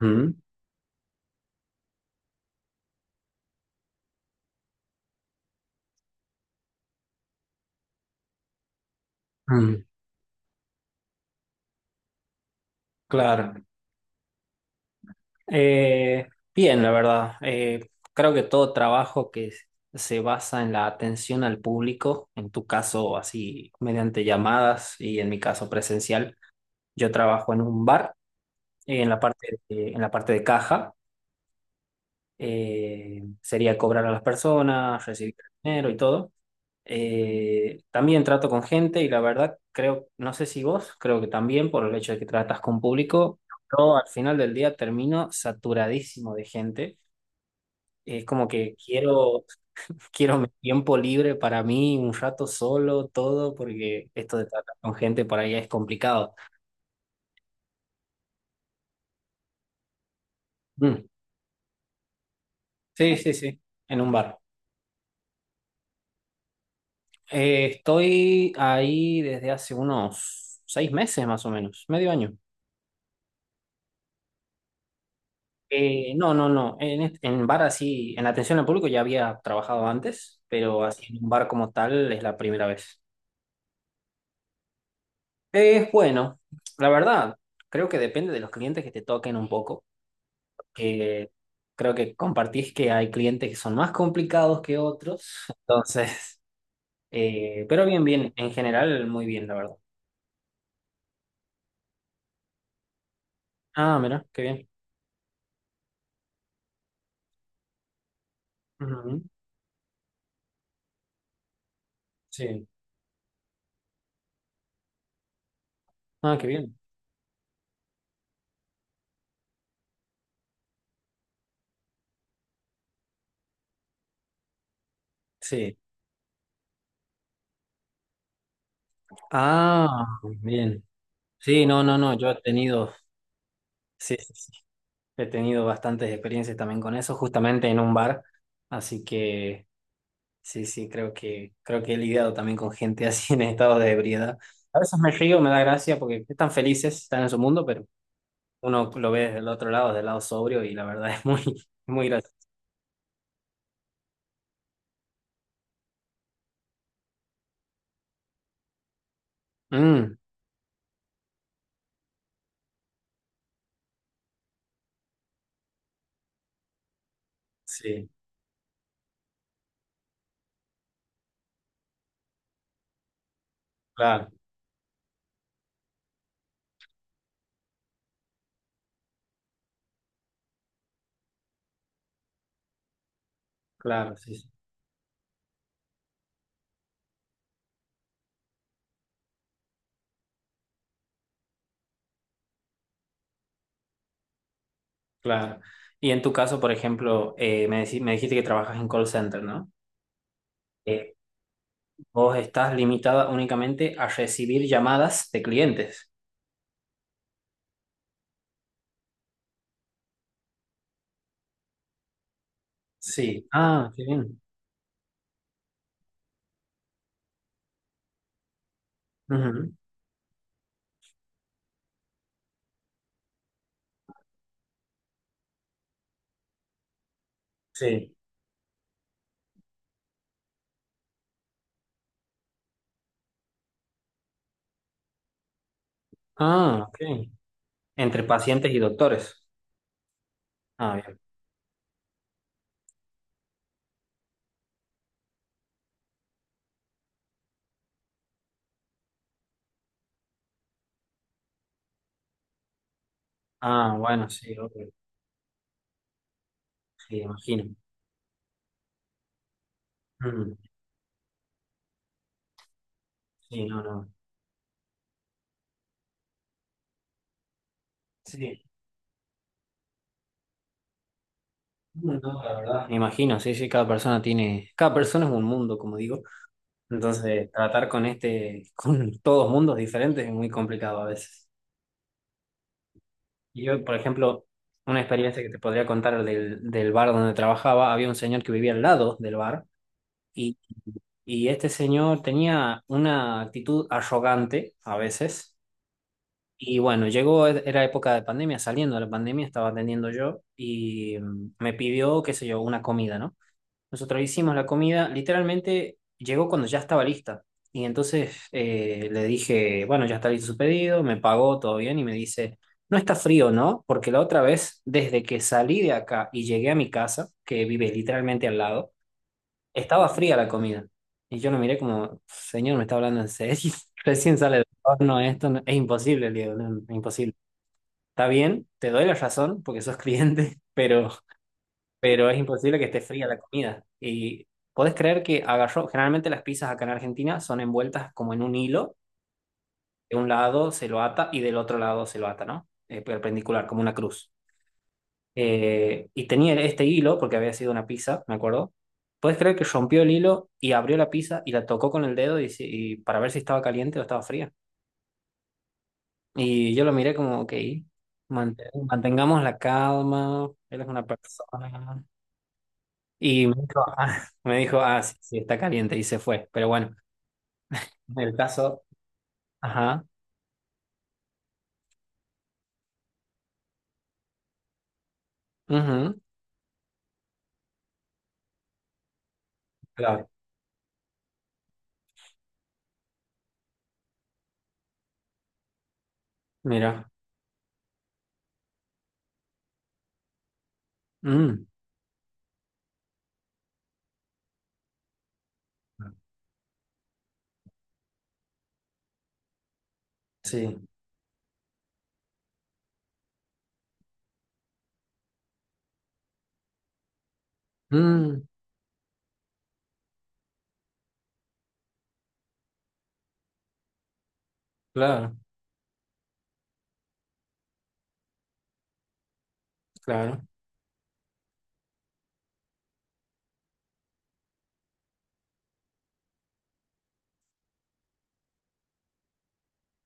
Mm, mm, claro. Eh, Bien, la verdad. Creo que todo trabajo se basa en la atención al público, en tu caso así mediante llamadas y en mi caso presencial, yo trabajo en un bar, en la en la parte de caja. Sería cobrar a las personas, recibir dinero y todo. También trato con gente y la verdad creo, no sé si vos, creo que también por el hecho de que tratas con público, yo al final del día termino saturadísimo de gente. Es como que quiero, quiero mi tiempo libre para mí, un rato solo, todo, porque esto de tratar con gente por ahí es complicado. Mm. Sí, sí, sí, en un bar. Estoy ahí desde hace unos seis meses más o menos, medio año. No, no, no. En bar así, en atención al público ya había trabajado antes, pero así en un bar como tal es la primera vez. Es bueno, la verdad, creo que depende de los clientes que te toquen un poco. Eh, Creo que compartís que hay clientes que son más complicados que otros, entonces, pero bien, bien, en general muy bien, la verdad. Ah, mira, qué bien. Ujú, sí. Ah, qué bien. Sí. Ah, bien. Sí, no, no, no, yo he tenido, sí, sí, sí, he tenido bastantes experiencias también con eso, justamente en un bar, así que sí, sí, creo que he lidiado también con gente así en estado de ebriedad. A veces me río, me da gracia porque están felices, están en su mundo, pero uno lo ve del otro lado, del lado sobrio, y la verdad es muy, muy gracioso. Mm, sí, claro, claro, sí, sí, claro. Y en tu caso, por ejemplo, me dijiste que trabajas en call center, ¿no? Eh, Vos estás limitada únicamente a recibir llamadas de clientes. Sí, ah, qué bien. Ujú. Sí. Ah, ok. Entre pacientes y doctores. Ah, bien. Ah, bueno, sí, ok. Sí, imagino. Ujú. Sí, no, no. Sí, no, no, la verdad. Me imagino, sí, sí, cada persona tiene, cada persona es un mundo, como digo. Entonces, tratar con este, con todos mundos diferentes es muy complicado a veces. Y yo, por ejemplo, una experiencia que te podría contar del bar donde trabajaba, había un señor que vivía al lado del bar y, y este señor tenía una actitud arrogante a veces. Y bueno, llegó, era época de pandemia, saliendo de la pandemia, estaba atendiendo yo y mm, me pidió, qué sé yo, una comida, ¿no? Nosotros hicimos la comida, literalmente llegó cuando ya estaba lista. Y entonces le dije, bueno, ya está listo su pedido, me pagó todo bien y me dice, no está frío, ¿no? Porque la otra vez, desde que salí de acá y llegué a mi casa, que vive literalmente al lado, estaba fría la comida. Y yo lo miré como, señor, ¿me está hablando en serio? Recién sale del horno esto, es imposible, Diego, no, es imposible. Está bien, te doy la razón porque sos cliente, pero es imposible que esté fría la comida. Y ¿podés creer que agarró? Generalmente las pizzas acá en Argentina son envueltas como en un hilo, de un lado se lo ata y del otro lado se lo ata, ¿no? Perpendicular, como una cruz. Y tenía este hilo, porque había sido una pizza, me acuerdo. ¿Puedes creer que rompió el hilo y abrió la pizza y la tocó con el dedo y para ver si estaba caliente o estaba fría? Y yo lo miré como, ok, mant- mantengamos la calma, él es una persona. Y me dijo, ah, sí, sí, está caliente y se fue. Pero bueno, en el caso, ajá, ujú, claro, mira, mm, sí, mm, claro, claro,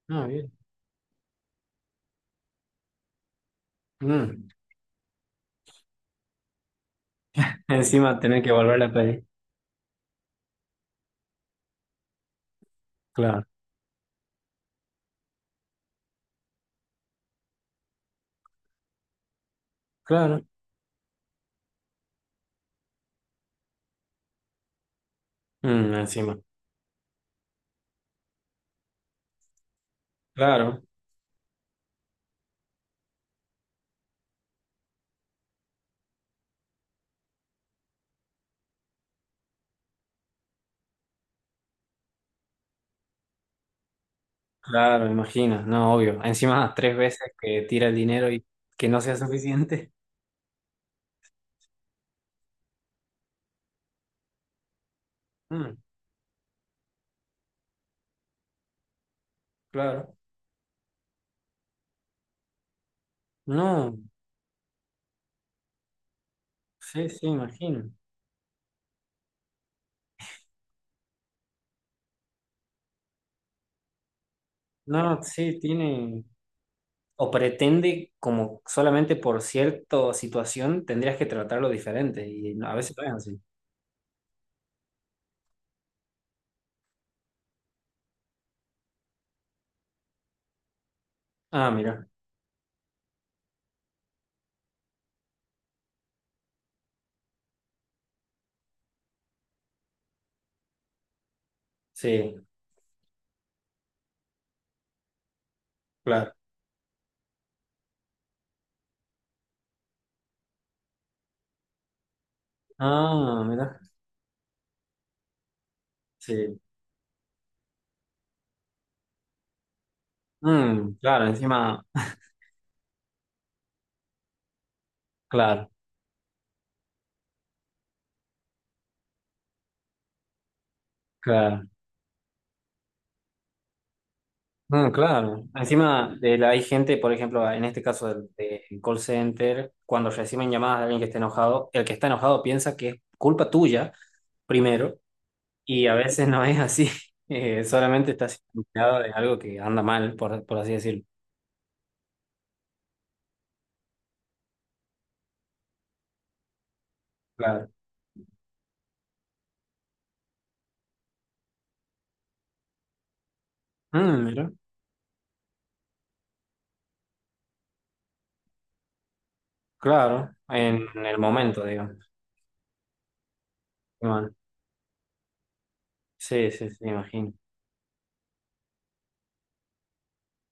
muy bien. Mm. Encima tener que volver a pedir, claro, claro, mm, encima, claro, claro, imagina, no, obvio. Encima tres veces que tira el dinero y que no sea suficiente, mm, claro, no, sí, sí, imagino. No, sí, tiene, o pretende como solamente por cierta situación tendrías que tratarlo diferente y a veces no es así. Ah, mira, sí, claro. Ah, mira, sí. Mm, claro, encima, claro, claro. Mm, claro. Encima hay gente, por ejemplo, en este caso del call center, cuando reciben llamadas de alguien que está enojado, el que está enojado piensa que es culpa tuya primero y a veces no es así. Solamente estás enterado de algo que anda mal, por así decirlo. Claro. Mm, mira, claro, en el momento, digamos. Bueno, sí, sí, sí, imagino.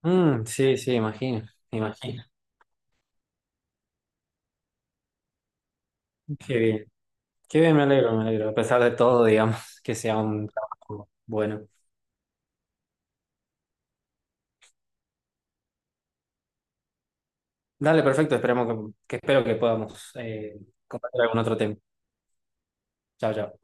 Mm, sí, sí, imagino, imagino. Qué bien, qué bien, me alegro, me alegro. A pesar de todo, digamos, que sea un trabajo bueno. Dale, perfecto, esperemos que espero que podamos compartir algún otro tema. Chao, chao.